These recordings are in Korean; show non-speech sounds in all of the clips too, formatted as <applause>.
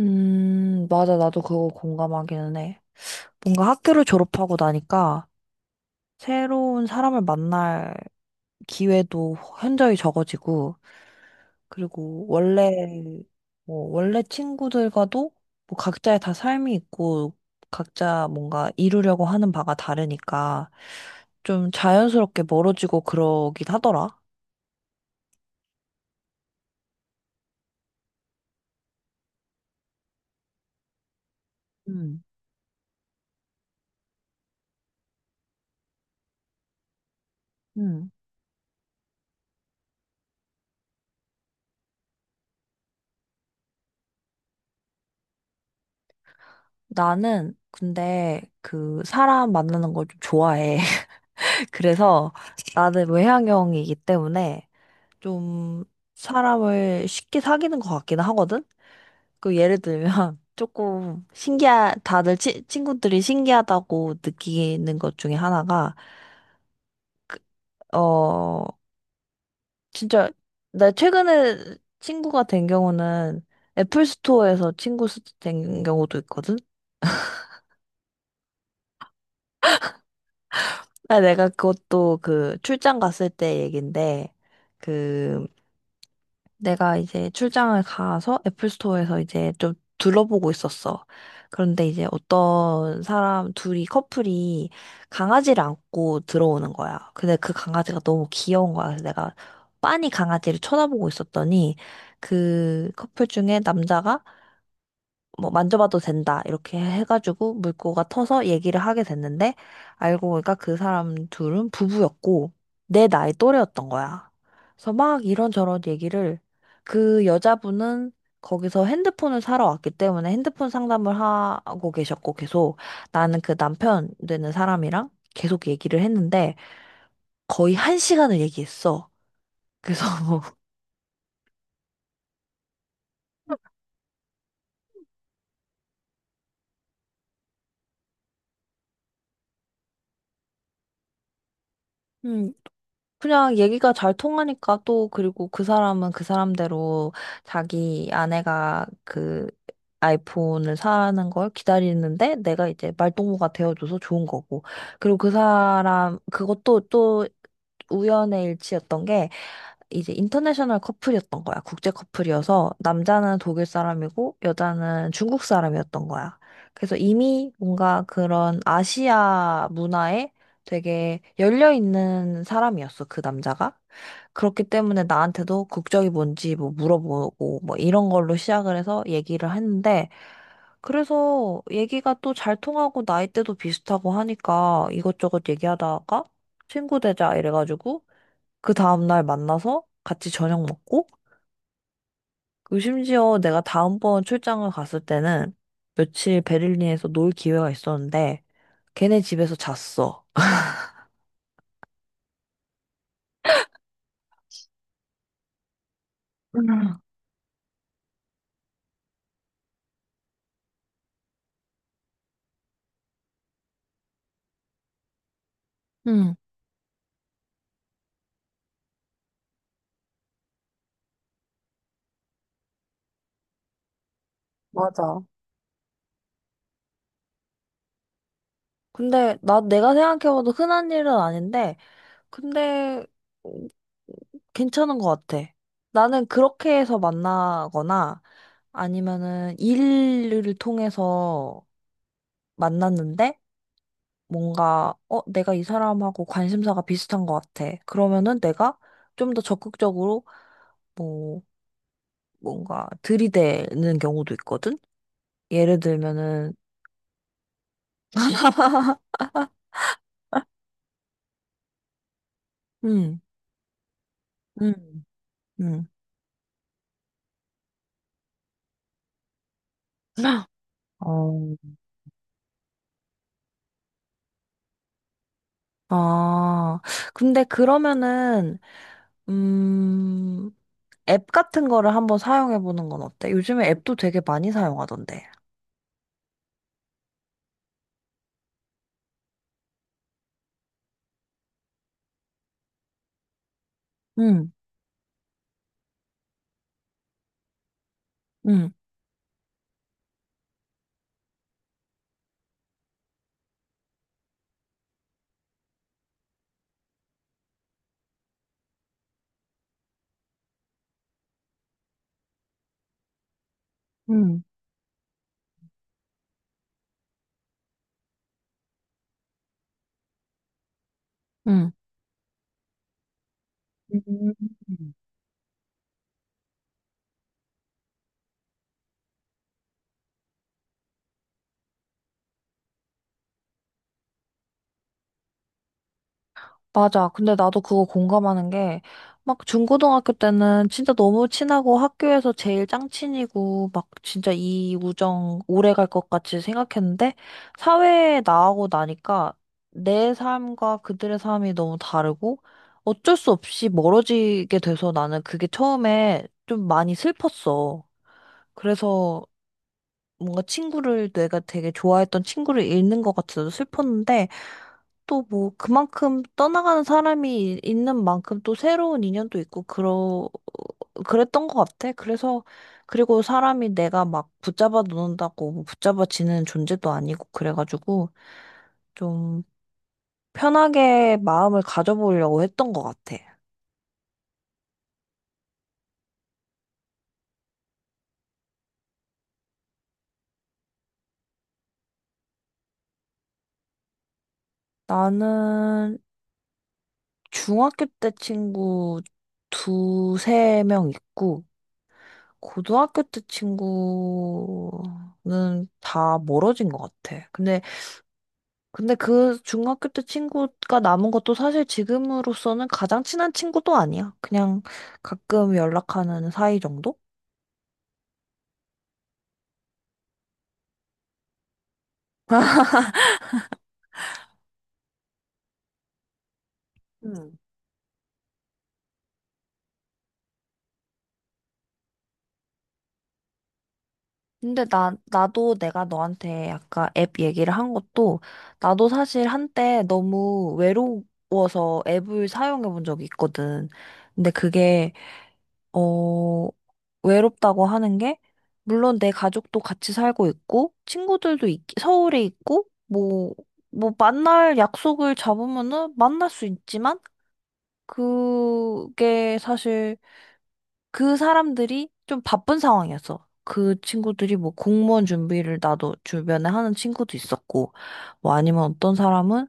맞아. 나도 그거 공감하기는 해. 뭔가 학교를 졸업하고 나니까 새로운 사람을 만날 기회도 현저히 적어지고, 그리고 원래 친구들과도 각자의 다 삶이 있고, 각자 뭔가 이루려고 하는 바가 다르니까 좀 자연스럽게 멀어지고 그러긴 하더라. 음. 음. 나는 근데 그 사람 만나는 걸 좀 좋아해. 그래서 나는 외향형이기 때문에 좀 사람을 쉽게 사귀는 것 같기는 하거든? 그 예를 들면 <laughs> 조금 신기한, 친구들이 신기하다고 느끼는 것 중에 하나가, 어, 진짜, 나 최근에 친구가 된 경우는 애플 스토어에서 된 경우도 있거든? 아, 내가 그것도 그 출장 갔을 때 얘긴데, 그 내가 이제 출장을 가서 애플 스토어에서 이제 좀 둘러보고 있었어. 그런데 이제 어떤 사람 둘이 커플이 강아지를 안고 들어오는 거야. 근데 그 강아지가 너무 귀여운 거야. 그래서 내가 빤히 강아지를 쳐다보고 있었더니 그 커플 중에 남자가 뭐 만져봐도 된다 이렇게 해가지고 물고가 터서 얘기를 하게 됐는데, 알고 보니까 그 사람 둘은 부부였고 내 나이 또래였던 거야. 그래서 막 이런저런 얘기를, 그 여자분은 거기서 핸드폰을 사러 왔기 때문에 핸드폰 상담을 하고 계셨고, 계속 나는 그 남편 되는 사람이랑 계속 얘기를 했는데 거의 한 시간을 얘기했어. 그래서 <laughs> 그냥 얘기가 잘 통하니까. 또 그리고 그 사람은 그 사람대로 자기 아내가 아이폰을 사는 걸 기다리는데 내가 이제 말동무가 되어줘서 좋은 거고. 그리고 그 사람 그것도 또 우연의 일치였던 게, 이제 인터내셔널 커플이었던 거야. 국제 커플이어서 남자는 독일 사람이고 여자는 중국 사람이었던 거야. 그래서 이미 뭔가 그런 아시아 문화에 되게 열려 있는 사람이었어, 그 남자가. 그렇기 때문에 나한테도 국적이 뭔지 뭐 물어보고 뭐 이런 걸로 시작을 해서 얘기를 했는데, 그래서 얘기가 또 잘 통하고 나이대도 비슷하고 하니까 이것저것 얘기하다가 친구 되자 이래가지고 그 다음날 만나서 같이 저녁 먹고, 그 심지어 내가 다음번 출장을 갔을 때는 며칠 베를린에서 놀 기회가 있었는데, 걔네 집에서 잤어. 음. 응. 맞아. 근데 나 내가 생각해봐도 흔한 일은 아닌데, 근데 음, 괜찮은 것 같아. 나는 그렇게 해서 만나거나 아니면은 일을 통해서 만났는데, 뭔가, 내가 이 사람하고 관심사가 비슷한 것 같아. 그러면은 내가 좀 더 적극적으로, 뭐, 뭔가 들이대는 경우도 있거든? 예를 들면은, 음. 음. 음. <gasps> <laughs> 어, 아, 근데 그러면은, 음, 앱 같은 거를 한번 사용해 보는 건 어때? 요즘에 앱도 되게 많이 사용하던데. 응. 응. 음. 응. 음. 맞아. 근데 나도 그거 공감하는 게, 막 중고등학교 때는 진짜 너무 친하고 학교에서 제일 짱친이고, 막 진짜 이 우정 오래 갈 것 같이 생각했는데, 사회에 나가고 나니까 내 삶과 그들의 삶이 너무 다르고, 어쩔 수 없이 멀어지게 돼서 나는 그게 처음에 좀 많이 슬펐어. 그래서 뭔가 친구를, 내가 되게 좋아했던 친구를 잃는 것 같아서 슬펐는데, 또 뭐 그만큼 떠나가는 사람이 있는 만큼 또 새로운 인연도 있고 그러 그랬던 것 같아. 그래서 그리고 사람이 내가 막 붙잡아 놓는다고 뭐 붙잡아지는 존재도 아니고 그래가지고 좀 편하게 마음을 가져보려고 했던 것 같아. 나는 중학교 때 친구 두세 명 있고 고등학교 때 친구는 다 멀어진 것 같아. 근데 그 중학교 때 친구가 남은 것도 사실 지금으로서는 가장 친한 친구도 아니야. 그냥 가끔 연락하는 사이 정도? 음. 근데 나도 내가 너한테 아까 앱 얘기를 한 것도 나도 사실 한때 너무 외로워서 앱을 사용해 본 적이 있거든. 근데 그게 어, 외롭다고 하는 게, 물론 내 가족도 같이 살고 있고, 서울에 있고, 만날 약속을 잡으면은 만날 수 있지만, 그게 사실 그 사람들이 좀 바쁜 상황이었어. 그 친구들이 뭐 공무원 준비를 나도 주변에 하는 친구도 있었고, 뭐 아니면 어떤 사람은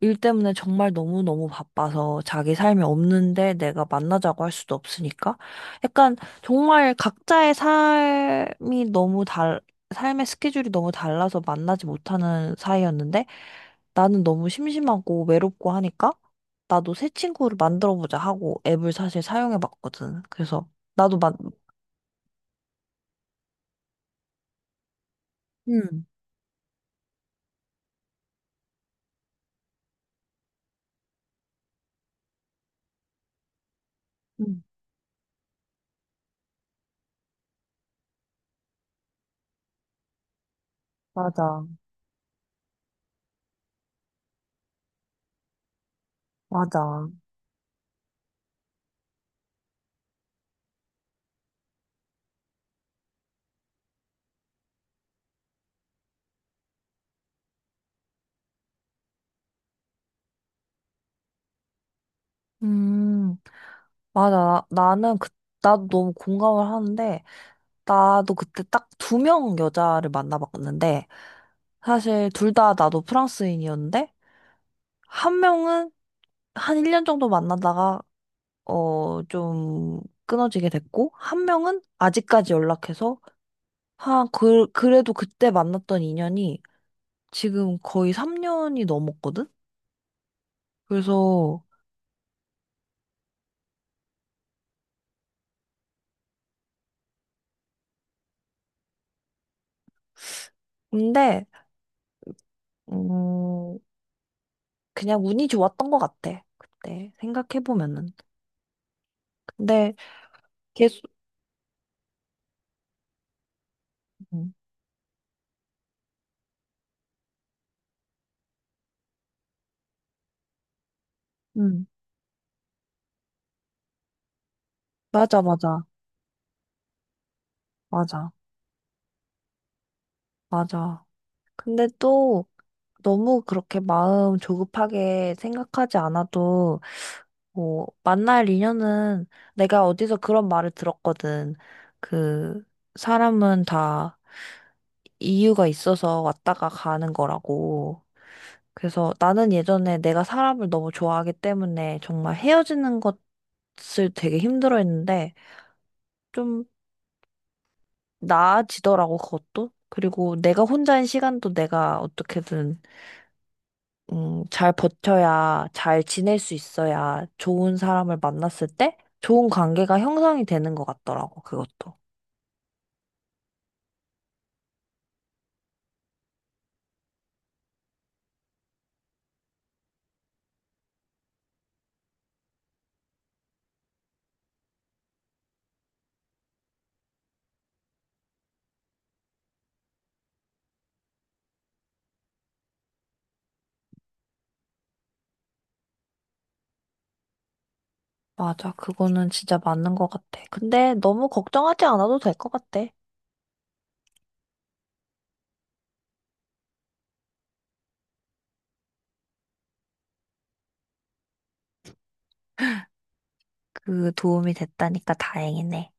일 때문에 정말 너무너무 바빠서 자기 삶이 없는데 내가 만나자고 할 수도 없으니까, 약간 정말 각자의 삶이 너무 달, 삶의 스케줄이 너무 달라서 만나지 못하는 사이였는데, 나는 너무 심심하고 외롭고 하니까 나도 새 친구를 만들어 보자 하고 앱을 사실 사용해 봤거든. 그래서 나도 만, 음. 음. 맞아. 맞아. 음, 맞아. 나는 나도 너무 공감을 하는데, 나도 그때 딱 두 명 여자를 만나봤는데, 사실 둘 다 나도 프랑스인이었는데, 한 명은 한 1년 정도 만나다가, 좀 끊어지게 됐고, 한 명은 아직까지 연락해서, 그래도 그때 만났던 인연이 지금 거의 3년이 넘었거든? 그래서, 근데, 음, 그냥 운이 좋았던 것 같아. 그때 생각해보면은. 근데 계속, 음. 음. 맞아. 맞아. 맞아. 맞아. 근데 또 너무 그렇게 마음 조급하게 생각하지 않아도, 뭐 만날 인연은, 내가 어디서 그런 말을 들었거든. 그 사람은 다 이유가 있어서 왔다가 가는 거라고. 그래서 나는 예전에 내가 사람을 너무 좋아하기 때문에 정말 헤어지는 것을 되게 힘들어했는데 좀 나아지더라고, 그것도. 그리고 내가 혼자인 시간도 내가 어떻게든 잘 지낼 수 있어야 좋은 사람을 만났을 때 좋은 관계가 형성이 되는 것 같더라고, 그것도. 맞아, 그거는 진짜 맞는 것 같아. 근데 너무 걱정하지 않아도 될 것 같아. 그 도움이 됐다니까 다행이네.